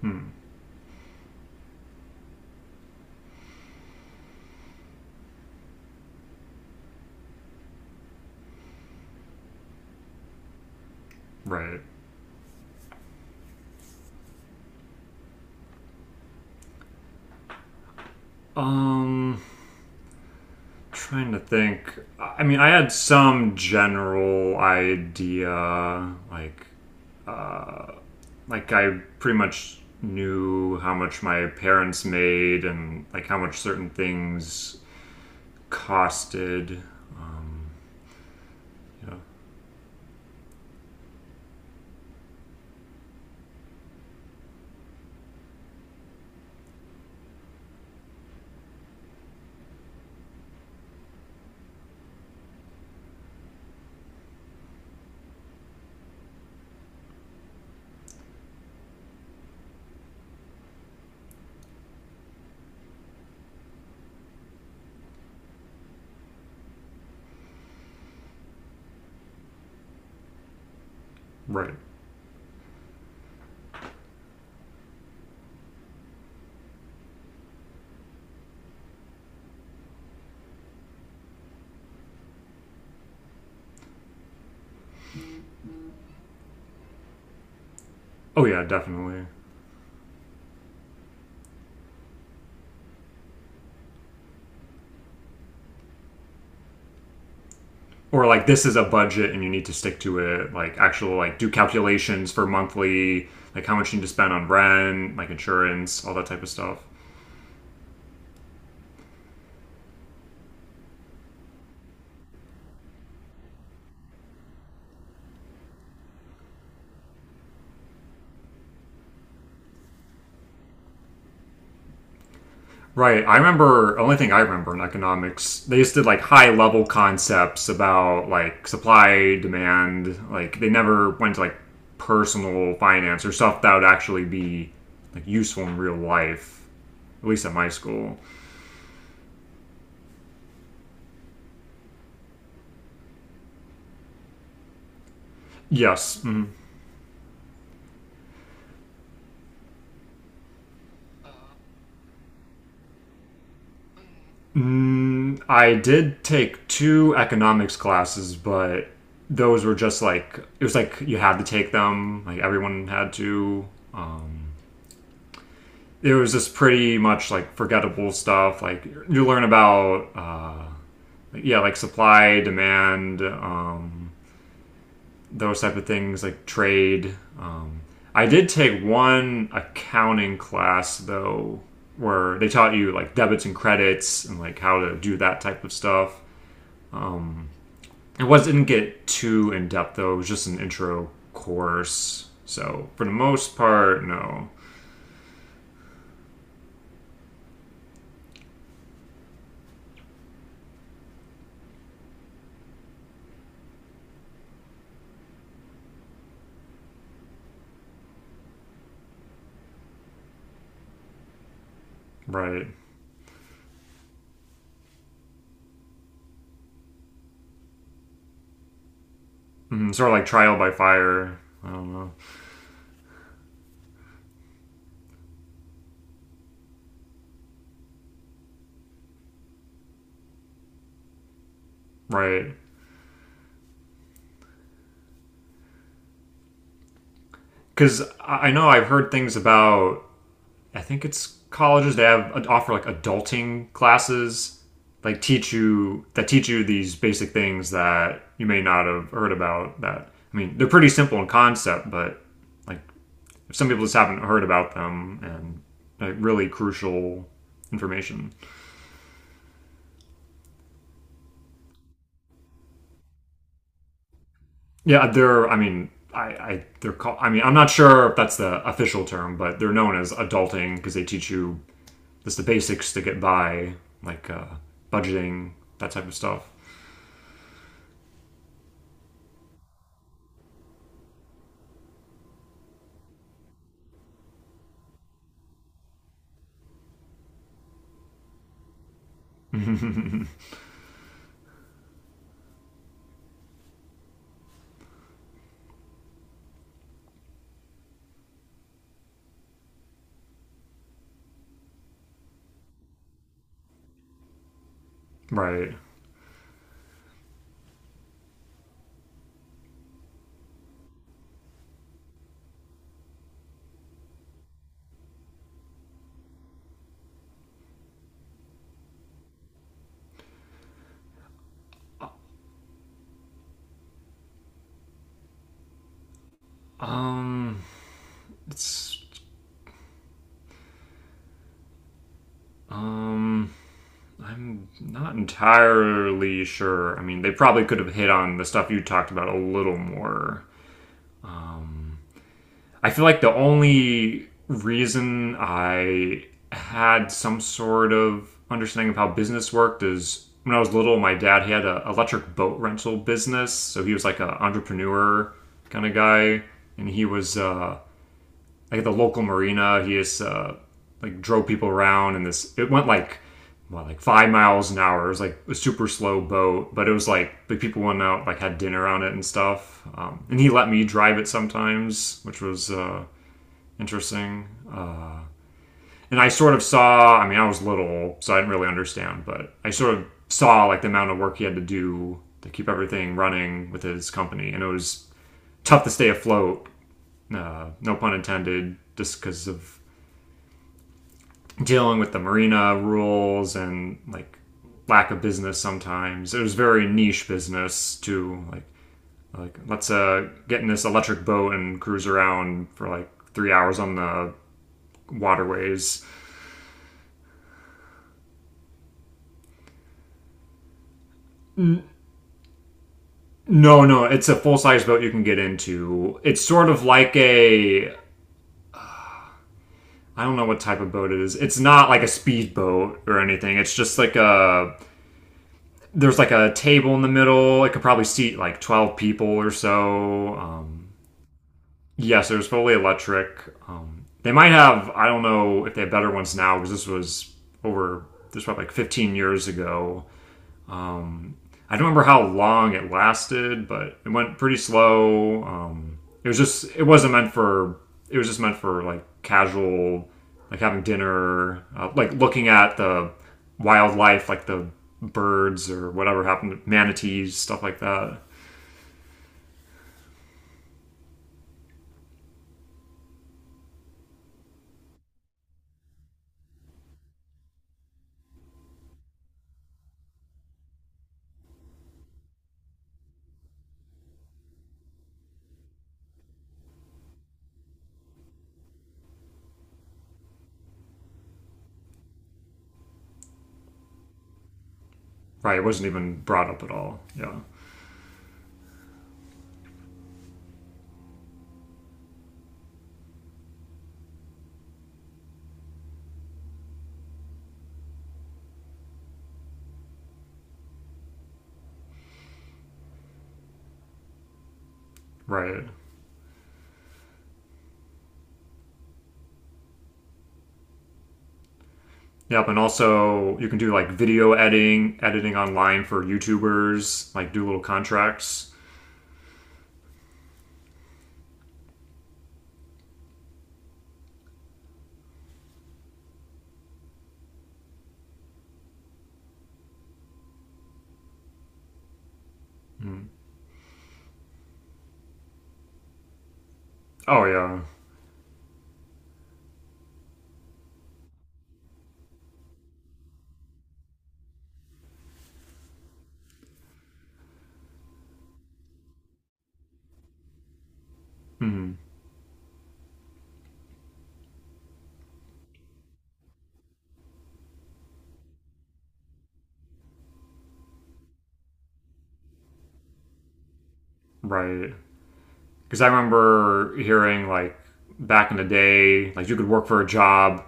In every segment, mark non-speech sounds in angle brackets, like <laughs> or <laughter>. Hmm. Right. Um trying to think. I mean, I had some general idea, like I pretty much knew how much my parents made and like how much certain things costed. Yeah. Right. Oh yeah, definitely. Or like this is a budget and you need to stick to it. Like actual like do calculations for monthly, like how much you need to spend on rent, like insurance, all that type of stuff. Right. I remember only thing I remember in economics, they just did like high level concepts about like supply, demand, like they never went to like personal finance or stuff that would actually be like useful in real life, at least at my school. Yes. Mm. Mm, I did take two economics classes, but those were just like it was like you had to take them, like everyone had to It was just pretty much like forgettable stuff. Like you learn about, yeah, like supply, demand, those type of things, like trade. I did take one accounting class though, where they taught you like debits and credits and like how to do that type of stuff. Um, it was didn't get too in depth though. It was just an intro course. So for the most part, no, right? Mm, sort of like trial by fire. I don't know, right? Because I know I've heard things about. I think it's colleges that have offer like adulting classes, like teach you that teach you these basic things that you may not have heard about. That I mean, they're pretty simple in concept, but like some people just haven't heard about them, and like really crucial information. Yeah, they're. I mean, I they're called. I mean, I'm not sure if that's the official term, but they're known as adulting because they teach you just the basics to get by, like budgeting, that type of stuff. Right. Um. It's. Um. I'm not entirely sure. I mean, they probably could have hit on the stuff you talked about a little more. I feel like the only reason I had some sort of understanding of how business worked is when I was little, my dad he had an electric boat rental business, so he was like an entrepreneur kind of guy, and he was like at the local marina. He just like drove people around, and this it went like what like 5 miles an hour. It was like a super slow boat, but it was like the people went out like had dinner on it and stuff. And he let me drive it sometimes, which was interesting. And I sort of saw, I mean, I was little, so I didn't really understand, but I sort of saw like the amount of work he had to do to keep everything running with his company. And it was tough to stay afloat, no pun intended, just because of dealing with the marina rules and like lack of business sometimes. It was very niche business too. Like let's get in this electric boat and cruise around for like 3 hours on the waterways. No, no, it's a full size boat you can get into. It's sort of like a I don't know what type of boat it is. It's not like a speedboat or anything. It's just like a there's like a table in the middle. It could probably seat like 12 people or so. Yes, it was fully electric. They might have I don't know if they have better ones now because this was probably like 15 years ago. I don't remember how long it lasted, but it went pretty slow. It was just it wasn't meant for it was just meant for like casual, like having dinner, like looking at the wildlife, like the birds or whatever happened, manatees, stuff like that. Right, it wasn't even brought up at all. Yeah, right. Yep, and also you can do like video editing, editing online for YouTubers, like do little contracts. Mm. Oh yeah, mm, right. Because I remember hearing like back in the day, like you could work for a job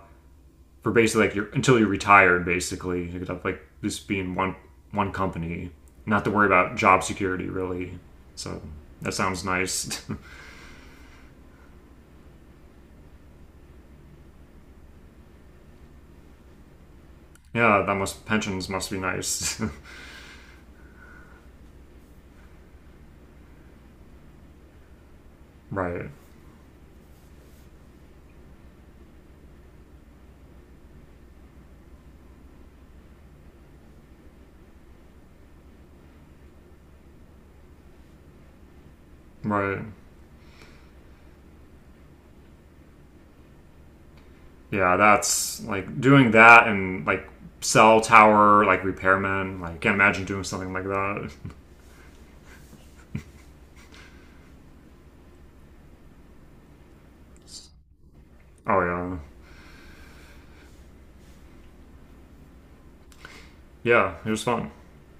for basically like your until you retired. Basically, you could have like this being one company, not to worry about job security really. So that sounds nice. <laughs> yeah, that must pensions must be nice. <laughs> right, right. Yeah, that's like doing that and like cell tower like repairman. Like can't imagine doing something like that. <laughs> oh yeah, yeah. It was fun.